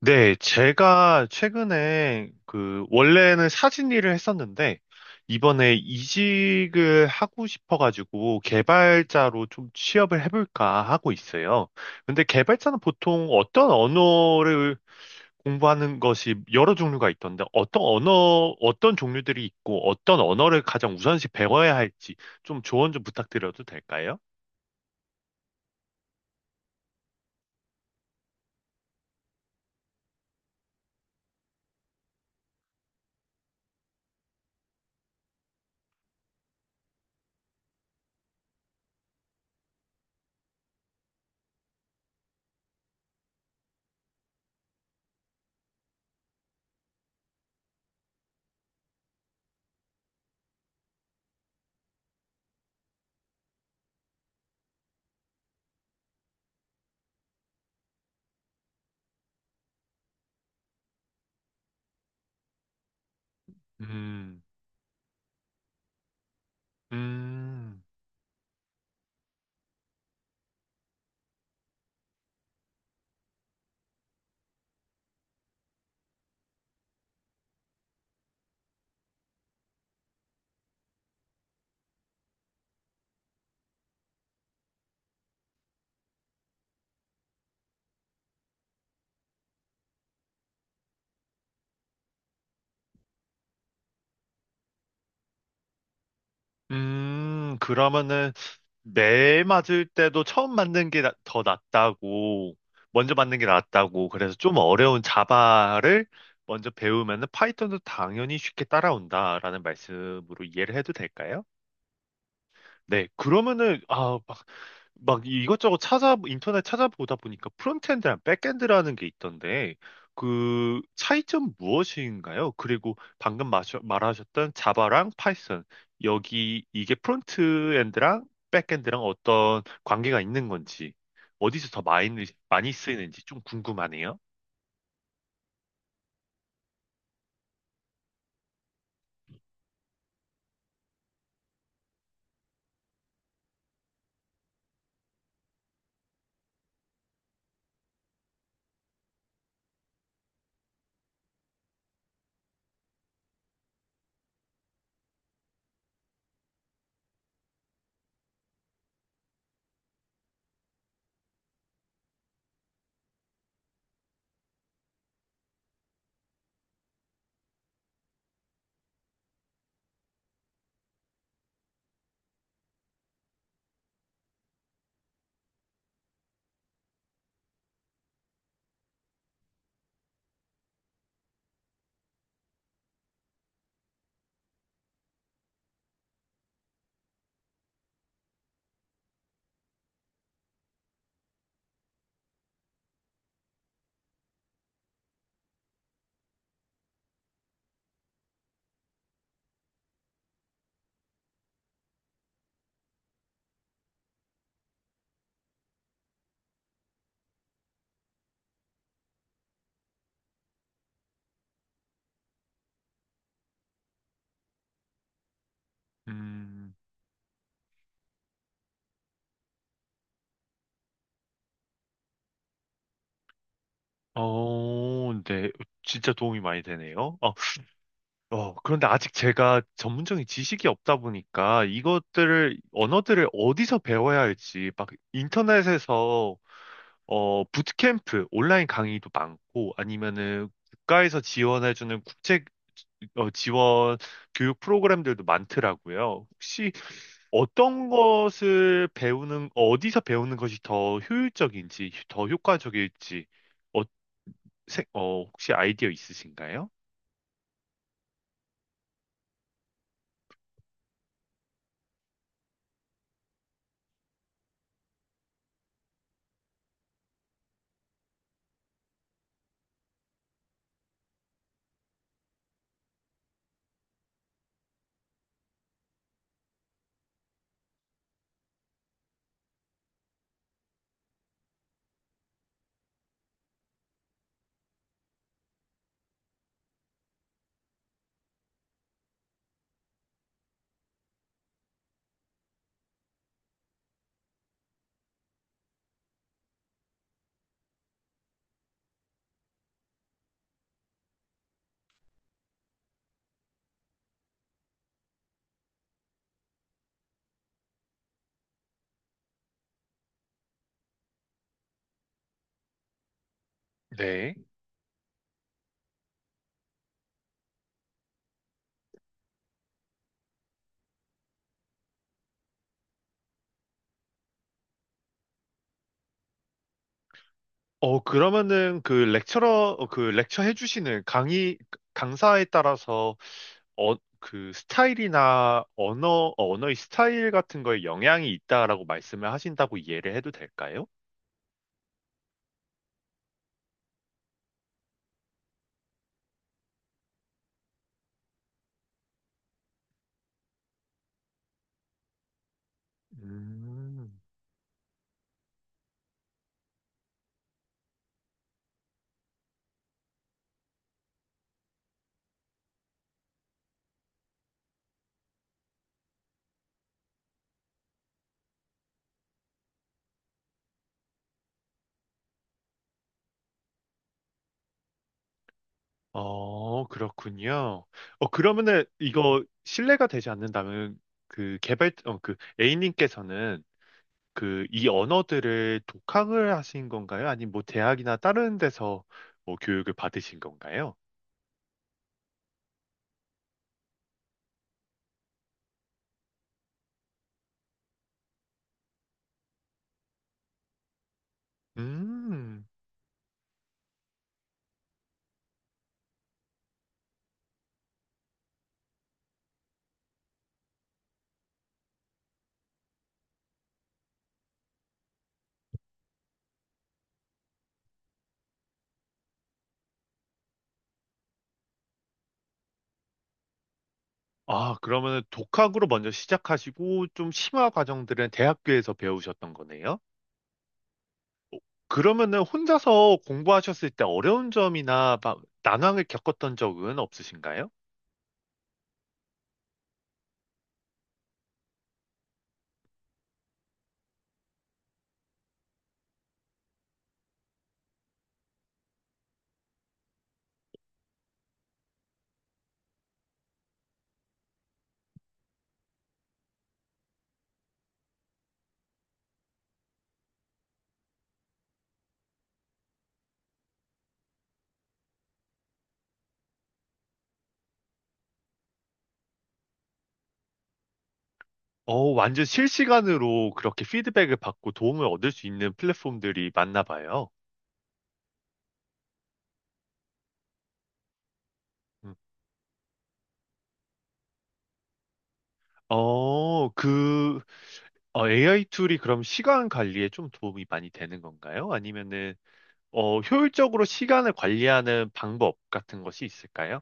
네, 제가 최근에 원래는 사진 일을 했었는데 이번에 이직을 하고 싶어가지고 개발자로 좀 취업을 해볼까 하고 있어요. 근데 개발자는 보통 어떤 언어를 공부하는 것이 여러 종류가 있던데 어떤 언어, 어떤 종류들이 있고 어떤 언어를 가장 우선시 배워야 할지 좀 조언 좀 부탁드려도 될까요? 음, 음, 그러면은 매 맞을 때도 처음 맞는 게 더 낫다고, 먼저 맞는 게 낫다고, 그래서 좀 어려운 자바를 먼저 배우면은 파이썬도 당연히 쉽게 따라온다라는 말씀으로 이해를 해도 될까요? 네, 그러면은, 막 이것저것 인터넷 찾아보다 보니까 프론트엔드랑 백엔드라는 게 있던데, 그 차이점 무엇인가요? 그리고 방금 말하셨던 자바랑 파이썬, 여기 이게 프론트엔드랑 백엔드랑 어떤 관계가 있는 건지, 어디서 더 많이, 많이 쓰이는지 좀 궁금하네요. 음, 네. 진짜 도움이 많이 되네요. 그런데 아직 제가 전문적인 지식이 없다 보니까 이것들을, 언어들을 어디서 배워야 할지, 막 부트캠프, 온라인 강의도 많고, 아니면은 국가에서 지원해주는 지원 교육 프로그램들도 많더라고요. 혹시 어떤 것을 배우는, 어디서 배우는 것이 더 효율적인지, 더 효과적일지, 어, 혹시 아이디어 있으신가요? 네. 그러면은 그 렉처 해주시는 강의, 강사에 따라서 그 스타일이나 언어의 스타일 같은 거에 영향이 있다라고 말씀을 하신다고 이해를 해도 될까요? 음. 그렇군요. 그러면은 이거 신뢰가 되지 않는다면 그 A님께서는 그 이 언어들을 독학을 하신 건가요? 아니면 뭐 대학이나 다른 데서 뭐 교육을 받으신 건가요? 음. 아, 그러면은 독학으로 먼저 시작하시고 좀 심화 과정들은 대학교에서 배우셨던 거네요? 그러면은 혼자서 공부하셨을 때 어려운 점이나 막 난항을 겪었던 적은 없으신가요? 완전 실시간으로 그렇게 피드백을 받고 도움을 얻을 수 있는 플랫폼들이 많나 봐요. 음. 어, 그, AI 툴이 그럼 시간 관리에 좀 도움이 많이 되는 건가요? 효율적으로 시간을 관리하는 방법 같은 것이 있을까요?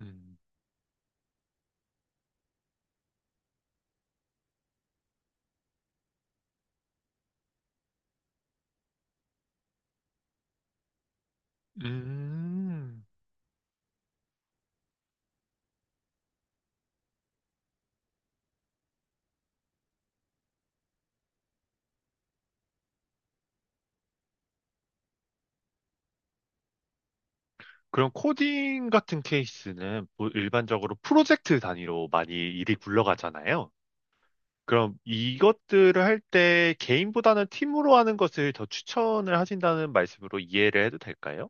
음, 음, 그럼 코딩 같은 케이스는 뭐 일반적으로 프로젝트 단위로 많이 일이 굴러가잖아요. 그럼 이것들을 할 때 개인보다는 팀으로 하는 것을 더 추천을 하신다는 말씀으로 이해를 해도 될까요?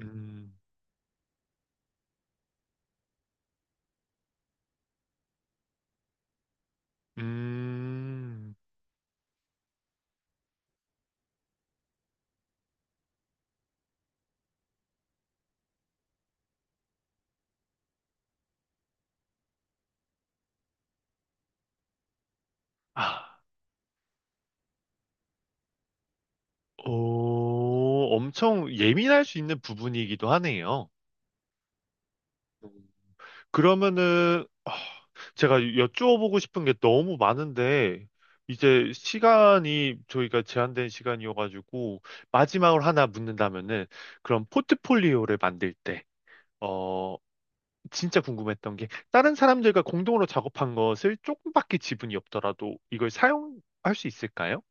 음, 음, 아, 오, 엄청 예민할 수 있는 부분이기도 하네요. 음. 그러면은, 제가 여쭈어보고 싶은 게 너무 많은데, 이제 시간이 저희가 제한된 시간이어가지고, 마지막으로 하나 묻는다면은, 그럼 포트폴리오를 만들 때, 어, 진짜 궁금했던 게 다른 사람들과 공동으로 작업한 것을 조금밖에 지분이 없더라도 이걸 사용할 수 있을까요?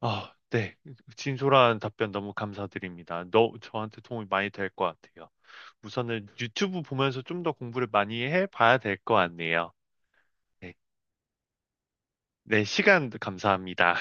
아, 네. 진솔한 답변 너무 감사드립니다. 너 저한테 도움이 많이 될 것 같아요. 우선은 유튜브 보면서 좀 더 공부를 많이 해봐야 될 것 같네요. 네, 네, 시간 감사합니다.